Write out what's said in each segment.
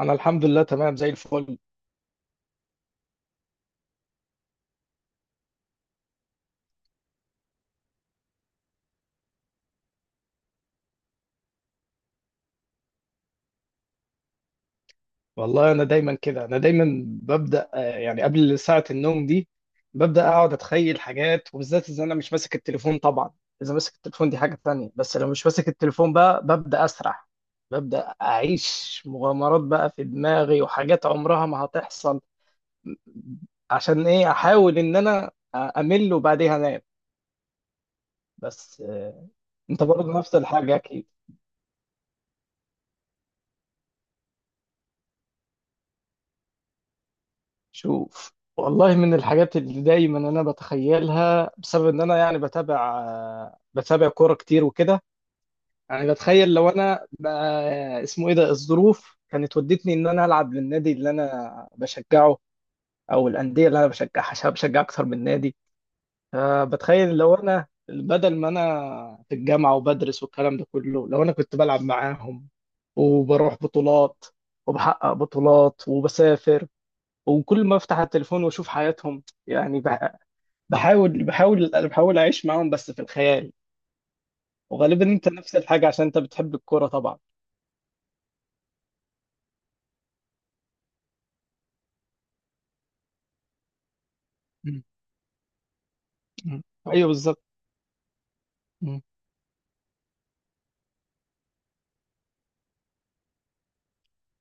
انا الحمد لله تمام زي الفل. والله انا دايما كده، انا دايما ببدا يعني قبل ساعه النوم دي ببدا اقعد اتخيل حاجات، وبالذات اذا انا مش ماسك التليفون طبعا. اذا ماسك التليفون دي حاجه تانية، بس لو مش ماسك التليفون بقى ببدا اسرح. ببدا اعيش مغامرات بقى في دماغي، وحاجات عمرها ما هتحصل. عشان ايه؟ احاول ان انا امل وبعديها انام. بس انت برضه نفس الحاجه اكيد. شوف والله، من الحاجات اللي دايما انا بتخيلها بسبب ان انا يعني بتابع كوره كتير وكده، يعني بتخيل لو انا بقى- اسمه ايه ده، الظروف كانت ودتني ان انا العب للنادي اللي انا بشجعه، او الانديه اللي انا بشجعها عشان بشجع اكتر من نادي. بتخيل لو انا بدل ما انا في الجامعه وبدرس والكلام ده كله، لو انا كنت بلعب معاهم وبروح بطولات وبحقق بطولات وبسافر، وكل ما افتح التليفون واشوف حياتهم يعني بحاول اعيش معاهم بس في الخيال. وغالبا انت نفس الحاجه عشان انت بتحب الكوره طبعا. مم. مم. ايوه بالظبط. مم.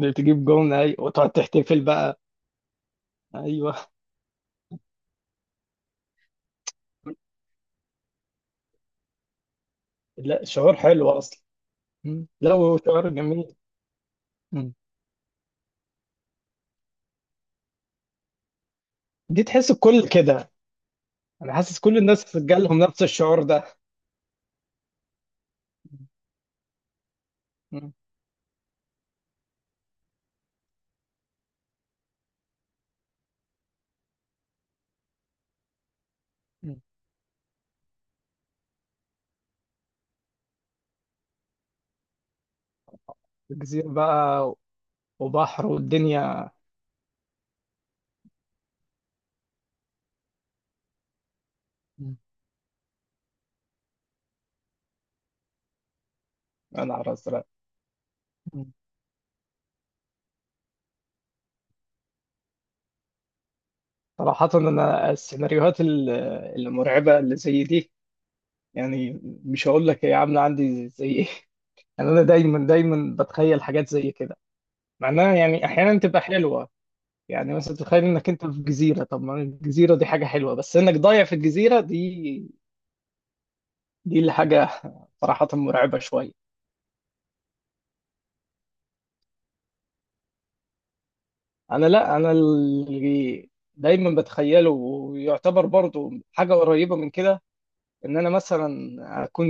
بتجيب جون، ايوه، وتقعد تحتفل بقى. ايوه. لا شعور حلو اصلا. مم. لا هو شعور جميل. مم. دي تحس الكل كده. انا حاسس كل الناس جالهم نفس الشعور ده. مم. مم. الجزيره بقى وبحر والدنيا. مم. انا على الازرق. صراحة أنا السيناريوهات ال- المرعبة اللي زي دي، يعني مش هقول لك هي عاملة عندي زي إيه. يعني أنا دايما بتخيل حاجات زي كده، مع إنها يعني أحيانا تبقى حلوة. يعني مثلا تتخيل إنك أنت في جزيرة، طب ما الجزيرة دي حاجة حلوة، بس إنك ضايع في الجزيرة دي، دي اللي حاجة صراحة مرعبة شوية. لا أنا اللي دايما بتخيله، ويعتبر برضو حاجة قريبة من كده، إن أنا مثلا أكون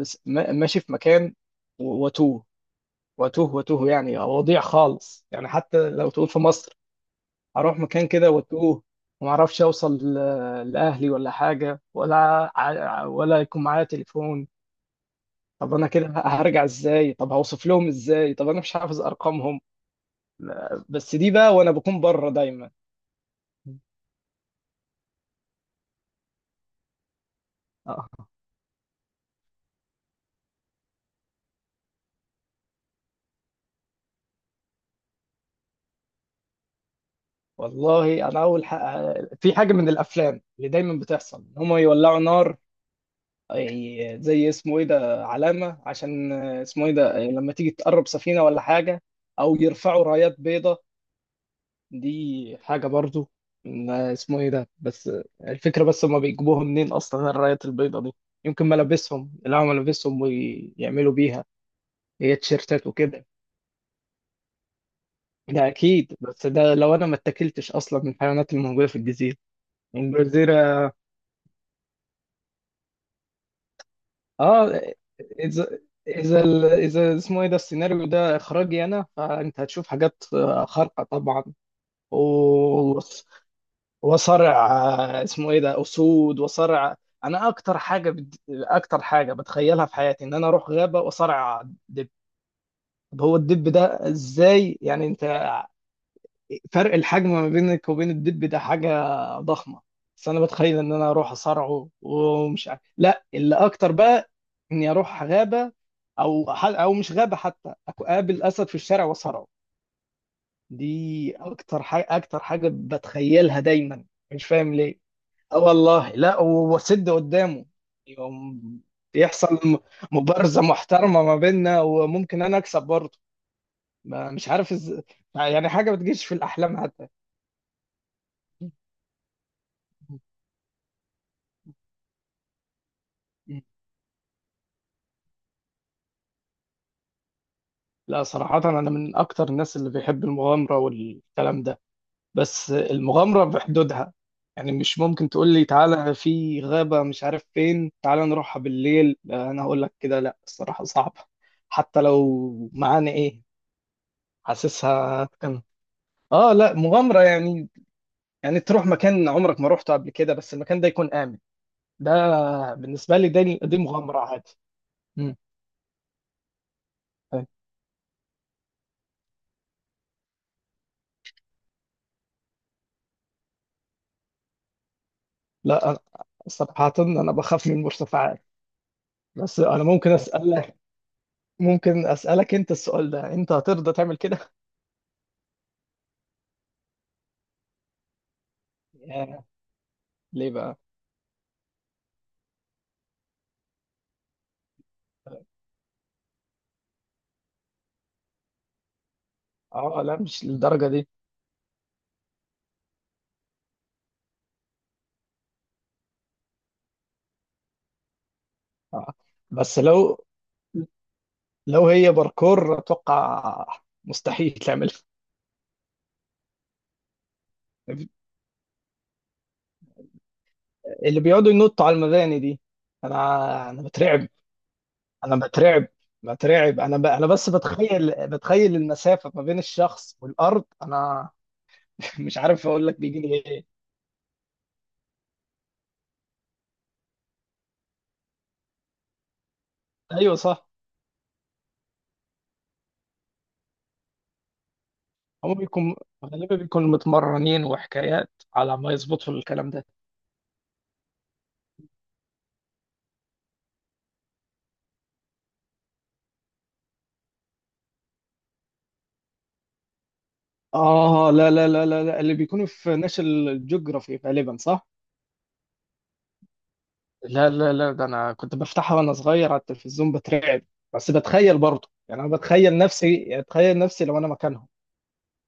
ماشي في مكان وأتوه، واتوه يعني وضيع خالص، يعني حتى لو تقول في مصر اروح مكان كده واتوه، وما اعرفش اوصل لاهلي ولا حاجه، ولا ولا يكون معايا تليفون. طب انا كده هرجع ازاي؟ طب هوصف لهم ازاي؟ طب انا مش حافظ ارقامهم. بس دي بقى وانا بكون بره دايما. آه. والله انا اول في حاجه من الافلام اللي دايما بتحصل، هم يولعوا نار. زي اسمه ايه ده، علامة عشان اسمه ايه ده لما تيجي تقرب سفينة ولا حاجة، او يرفعوا رايات بيضة. دي حاجة برضو، ما اسمه ايه ده، بس الفكرة، بس هما بيجيبوها منين اصلا الرايات البيضة دي؟ يمكن ملابسهم، يلاقوا ملابسهم ويعملوا بيها، هي تيشيرتات وكده. ده اكيد، بس ده لو انا ما اتكلتش اصلا من الحيوانات الموجودة في الجزيرة، يعني الجزيرة. اه. اذا اذا ال- اذا اسمه ايه ده، السيناريو ده اخراجي انا، فانت هتشوف حاجات خارقه طبعا. و- وصرع، اسمه ايه ده، اسود وصرع. انا اكتر اكتر حاجه بتخيلها في حياتي، ان انا اروح غابه واصرع دب. طب هو الدب ده ازاي يعني انت؟ فرق الحجم ما بينك وبين الدب ده حاجة ضخمة، بس انا بتخيل ان انا اروح اصارعه. ومش عارف لا اللي اكتر بقى، اني اروح غابة، او مش غابة حتى، اقابل اسد في الشارع واصارعه. دي اكتر حاجة بتخيلها دايما. مش فاهم ليه. اه والله، لا واسد قدامه يوم، بيحصل مبارزة محترمة ما بيننا، وممكن انا اكسب برضه. مش عارف ازاي، يعني حاجة بتجيش في الاحلام حتى. لا صراحة، أنا من أكتر الناس اللي بيحب المغامرة والكلام ده، بس المغامرة بحدودها. يعني مش ممكن تقول لي تعالى في غابة مش عارف فين تعالى نروحها بالليل، لا، أنا هقول لك كده لا، الصراحة صعبة. حتى لو معانا إيه، حاسسها كان. آه لا، مغامرة يعني، يعني تروح مكان عمرك ما روحته قبل كده، بس المكان ده يكون آمن. ده بالنسبة لي دي مغامرة عادي. مم. طيب. لا أنا صراحة أنا بخاف من المرتفعات، بس أنا ممكن أسألك، ممكن اسالك انت السؤال ده، انت هترضى تعمل كده؟ ياه. ليه بقى؟ اه لا مش للدرجه دي. آه. بس لو، لو هي باركور اتوقع مستحيل تعملها. اللي بيقعدوا ينطوا على المباني دي، انا بترعب. انا بترعب، بترعب. انا بس بتخيل المسافه ما بين الشخص والارض، انا مش عارف اقول لك بيجي لي ايه. ايوه صح. هم غالبا بيكونوا متمرنين وحكايات على ما يظبطوا الكلام ده. آه لا لا. اللي بيكونوا في ناشونال جيوغرافي غالبا، صح؟ لا، ده أنا كنت بفتحها وأنا صغير على التلفزيون بترعب، بس بتخيل برضه. يعني أنا بتخيل نفسي، أتخيل نفسي لو أنا مكانهم.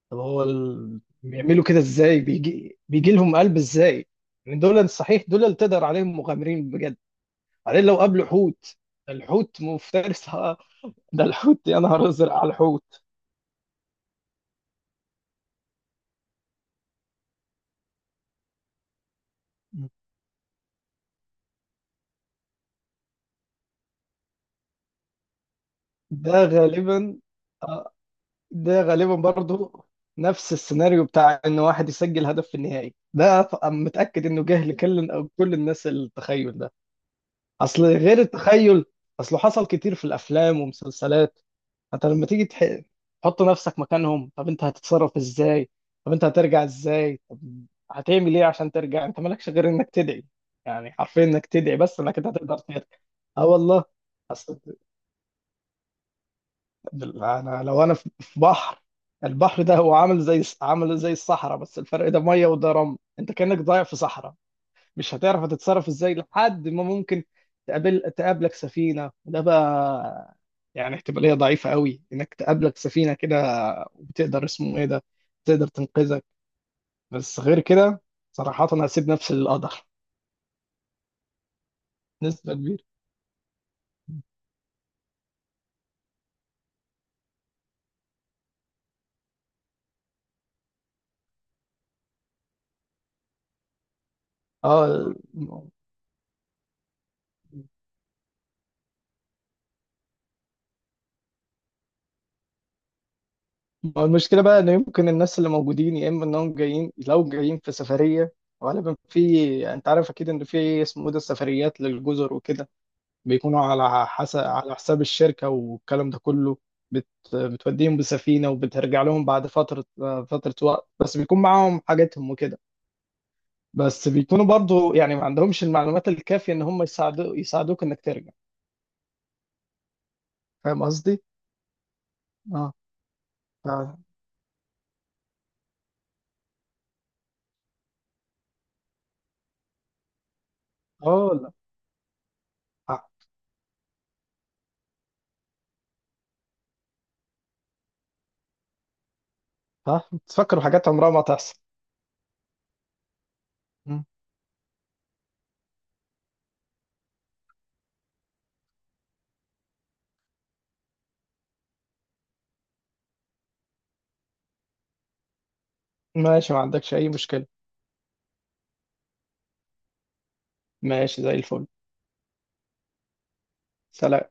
طب هو ال... بيعملوا كده إزاي؟ بيجي لهم قلب إزاي؟ يعني دول صحيح، دول اللي تقدر عليهم مغامرين بجد. بعدين لو قابلوا حوت؟ الحوت مفترس ده الحوت، يا نهار أزرق على الحوت. ده غالبا، آه، ده غالبا برضو نفس السيناريو بتاع ان واحد يسجل هدف في النهائي ده، أنا متأكد انه جه لكل او كل الناس التخيل ده. اصل غير التخيل، اصله حصل كتير في الافلام ومسلسلات، انت لما تيجي تحط نفسك مكانهم، طب انت هتتصرف ازاي؟ طب انت هترجع ازاي؟ طب هتعمل ايه عشان ترجع؟ انت مالكش غير انك تدعي، يعني حرفيا انك تدعي بس انك انت هتقدر ترجع. اه والله. انا لو انا في في بحر، البحر ده هو عامل زي عامل زي الصحراء، بس الفرق ده ميه وده رمل. انت كأنك ضايع في صحراء، مش هتعرف هتتصرف ازاي، لحد ما ممكن تقابلك سفينة، وده بقى يعني احتمالية ضعيفة قوي انك تقابلك سفينة كده، وتقدر اسمه ايه ده تقدر تنقذك. بس غير كده صراحة انا هسيب نفسي للقدر نسبة كبيرة. اه. ما هو المشكلة بقى، إن يمكن الناس اللي موجودين يا إما إنهم جايين، لو جايين في سفرية، غالبا في، أنت عارف أكيد إن في اسمه إيه ده السفريات للجزر وكده، بيكونوا على حسب على حساب الشركة والكلام ده كله. بت... بتوديهم بسفينة وبترجع لهم بعد فترة، فترة وقت، بس بيكون معاهم حاجاتهم وكده. بس بيكونوا برضو يعني ما عندهمش المعلومات الكافية إن هم يساعدوك إنك ترجع. فاهم قصدي؟ اه. ف- اه لا. آه. آه. تفكروا حاجات عمرها ما تحصل. ماشي، ما عندكش أي مشكلة. ماشي زي الفل. سلام.